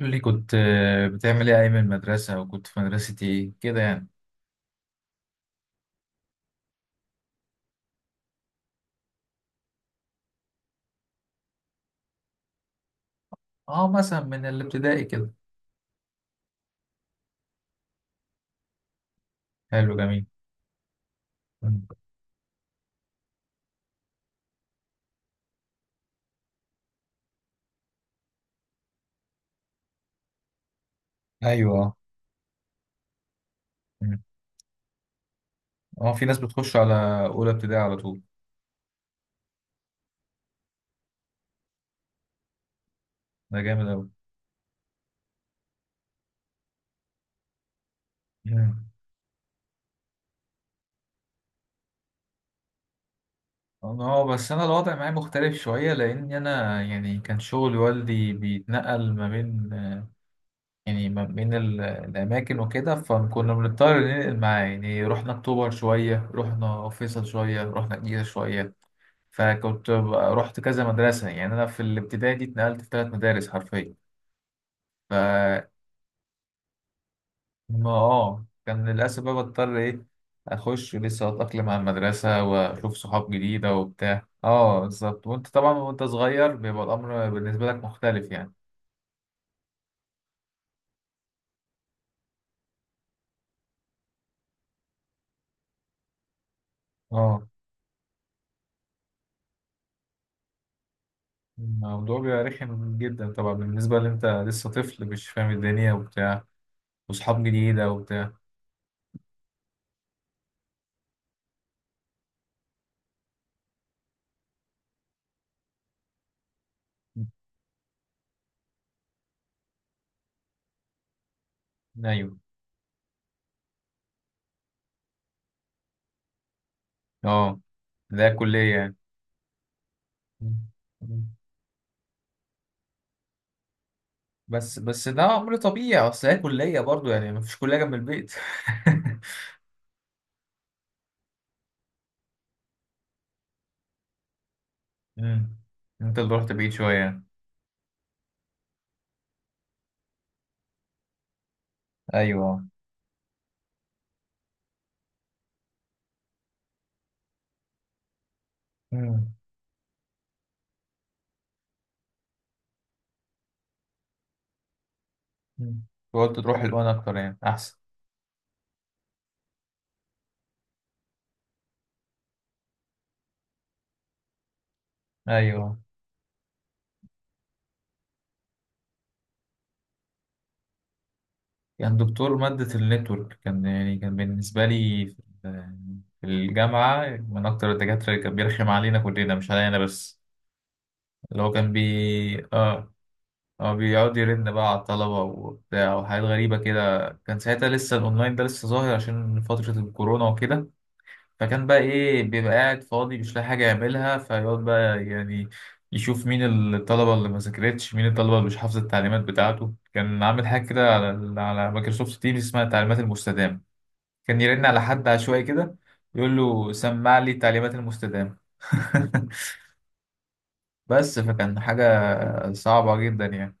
قول لي كنت بتعمل ايه ايام المدرسة وكنت في مدرسة ايه كده يعني. اه مثلا من الابتدائي كده. حلو جميل. مم. ايوه. مم. اه في ناس بتخش على اولى ابتدائي على طول. ده جامد اوي. مم. اه بس انا الوضع معايا مختلف شوية لان انا يعني كان شغل والدي بيتنقل ما بين يعني ما بين الأماكن وكده فكنا بنضطر ننقل معاه يعني رحنا أكتوبر شوية رحنا فيصل شوية رحنا الجيزة شوية. فكنت رحت كذا مدرسة يعني أنا في الابتدائي دي اتنقلت في ثلاث مدارس حرفيا. ف ما اه كان للأسف بقى بضطر إيه، أخش لسه أتأقلم على المدرسة وأشوف صحاب جديدة وبتاع اه بالظبط. وأنت طبعا وأنت صغير بيبقى الأمر بالنسبة لك مختلف يعني. اه الموضوع بيبقى رخم جدا طبعا بالنسبة اللي انت لسه طفل مش فاهم الدنيا وبتاع واصحاب جديدة وبتاع. ايوه. اه ده كلية يعني. مم. بس ده امر طبيعي اصل هي كلية برضو يعني مفيش كلية جنب البيت. مم. انت اللي رحت بعيد شوية. ايوه. مم. مم. قلت تروح الوان اكتر يعني احسن. ايوه كان دكتور مادة النتورك كان يعني كان بالنسبة لي في الجامعة من أكتر الدكاترة اللي كان بيرخم علينا كلنا مش عليا أنا بس. اللي هو كان بي آه هو بيقعد يرن بقى على الطلبة وبتاع وحاجات غريبة كده، كان ساعتها لسه الأونلاين ده لسه ظاهر عشان فترة الكورونا وكده. فكان بقى إيه، بيبقى قاعد فاضي مش لاقي حاجة يعملها فيقعد بقى يعني يشوف مين الطلبة اللي ما ذاكرتش مين الطلبة اللي مش حافظة التعليمات بتاعته. كان عامل حاجة كده على مايكروسوفت تيمز اسمها التعليمات المستدامة، كان يرن على حد عشوائي كده يقول له سمع لي التعليمات المستدامة. بس فكان حاجة صعبة جدا يعني.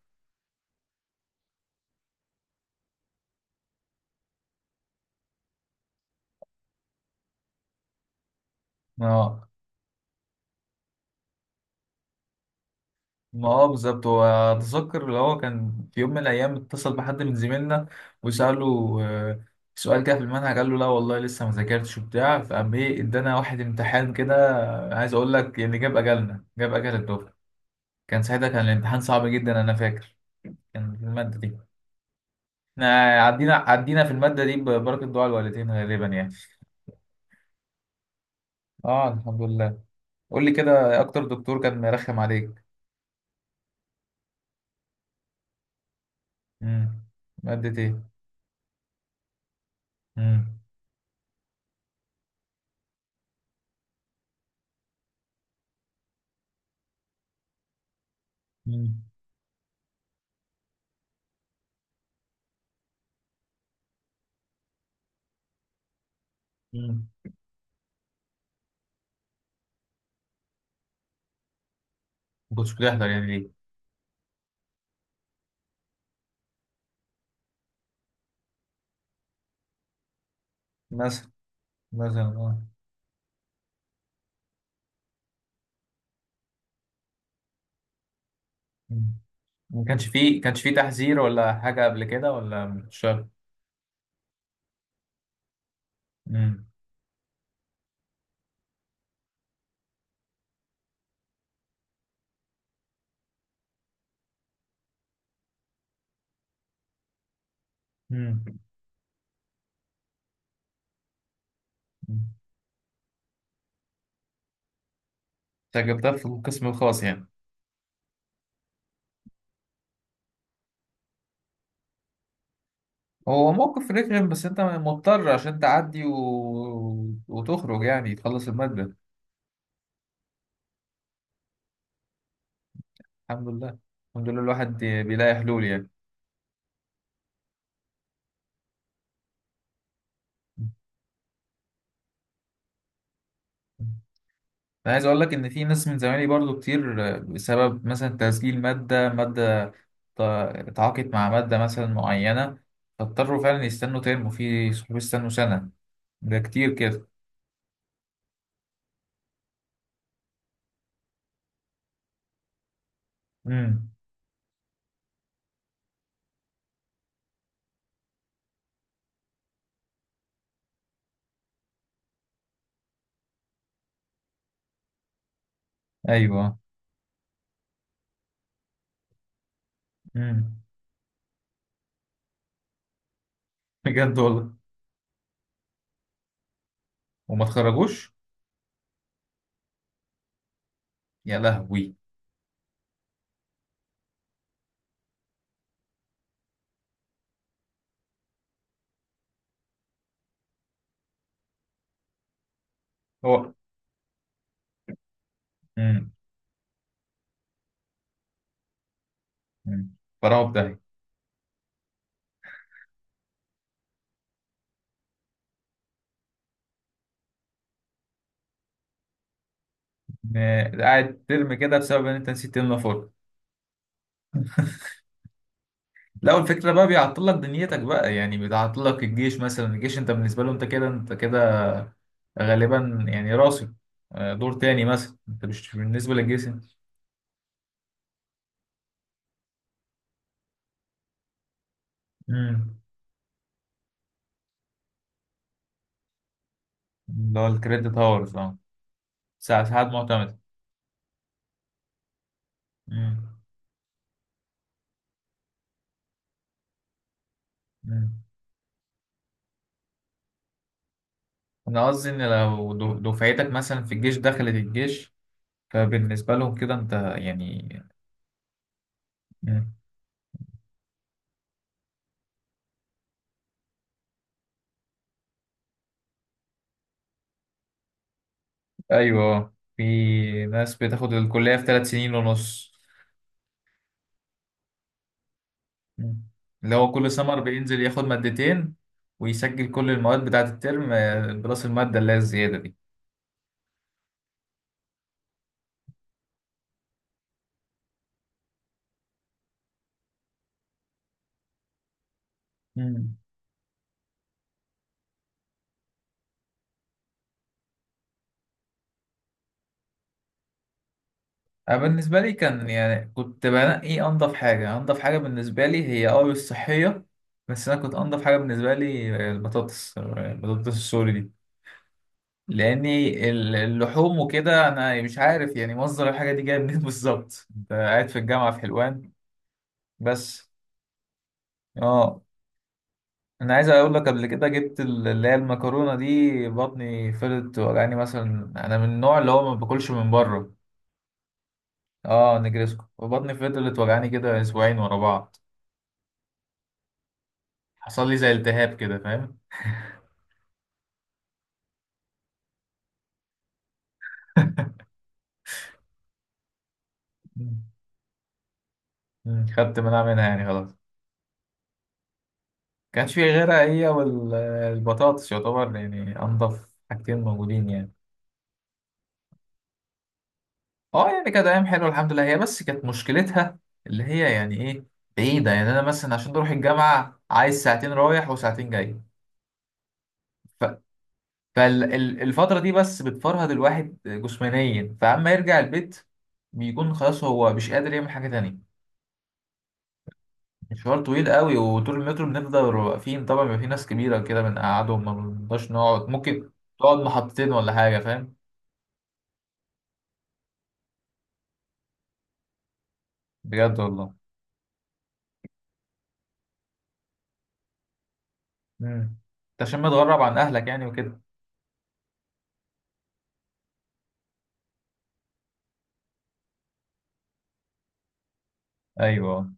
اه ما هو بالظبط، هو أتذكر اللي هو كان في يوم من الأيام اتصل بحد من زميلنا وسأله سؤال كده في المنهج قال له لا والله لسه ما ذاكرتش وبتاع، فقام إيه إدانا واحد امتحان كده، عايز أقول لك يعني جاب أجلنا جاب أجل الدفعة. كان ساعتها كان الامتحان صعب جدا أنا فاكر، كان في المادة دي احنا عدينا في المادة دي ببركة دعاء الوالدين غالبا يعني. اه الحمد لله. قول لي كده اكتر دكتور كان مرخم عليك. امم، مادة ايه؟ امم. امم. امم، ما كنتش بتحضر يعني ليه؟ مثلا، مثلا اه. مم. ما كانش فيه كانش فيه تحذير ولا حاجة قبل كده ولا؟ مش شرط. امم. امم، انت جبتها في القسم الخاص يعني. هو موقف رخم بس انت مضطر عشان تعدي و… وتخرج يعني تخلص المادة. الحمد لله. الحمد لله الواحد بيلاقي حلول يعني. انا عايز اقول لك ان في ناس من زمايلي برضو كتير بسبب مثلا تسجيل ماده، تعاقد مع ماده مثلا معينه، فاضطروا فعلا يستنوا ترم، في صحاب يستنوا سنه. ده كتير كده. امم. ايوه. امم. بجد والله؟ وما اتخرجوش؟ يا لهوي. هو، امم. أمم. فراغ ده. قاعد ترم كده بسبب ان انت نسيت تملى فورم. لا، والفكرة بقى بيعطل لك دنيتك بقى، يعني بيعطل لك الجيش مثلا. الجيش انت بالنسبة له انت كده انت كده غالبا يعني راسي دور تاني مثلا، انت مش بالنسبة للجيش. امم، اللي هو الكريدت هاورز اه. ساعة ساعات معتمدة. امم. امم. انا قصدي ان لو دفعتك مثلا في الجيش دخلت الجيش فبالنسبة لهم كده انت يعني. مم. ايوه في ناس بتاخد الكلية في ثلاث سنين ونص. مم. اللي هو كل سمر بينزل ياخد مادتين ويسجل كل المواد بتاعة الترم بلس المادة اللي هي الزيادة دي. مم. أنا بالنسبة لي كان يعني كنت بنقي أنضف حاجة، أنضف حاجة بالنسبة لي هي أه الصحية. بس أنا كنت أنضف حاجة بالنسبة لي البطاطس، البطاطس السوري دي. لأني اللحوم وكده أنا مش عارف يعني مصدر الحاجة دي جاية منين بالظبط، أنت قاعد في الجامعة في حلوان بس. أه انا عايز اقول لك قبل كده جبت اللي هي المكرونه دي بطني فضلت وجعاني، مثلا انا من النوع اللي هو ما باكلش من بره. اه نجرسكو، وبطني فضلت وجعاني كده اسبوعين ورا بعض، حصل لي زي التهاب كده فاهم. مم. مم. خدت مناعه منها يعني خلاص. كانش في غيرها، هي والبطاطس يعتبر يعني انضف حاجتين موجودين يعني. اه يعني كانت ايام حلوه الحمد لله، هي بس كانت مشكلتها اللي هي يعني ايه، بعيده. يعني انا مثلا عشان اروح الجامعه عايز ساعتين رايح وساعتين جاي، فالفترة دي بس بتفرهد الواحد جسمانيا فأما يرجع البيت بيكون خلاص هو مش قادر يعمل حاجة تانية. مشوار طويل قوي، وطول المترو بنفضل واقفين طبعا، بيبقى في ناس كبيرة كده بنقعدهم ما بنقدرش نقعد، ممكن تقعد محطتين ولا حاجة فاهم. بجد والله؟ امم، انت عشان متغرب عن أهلك يعني وكده. أيوه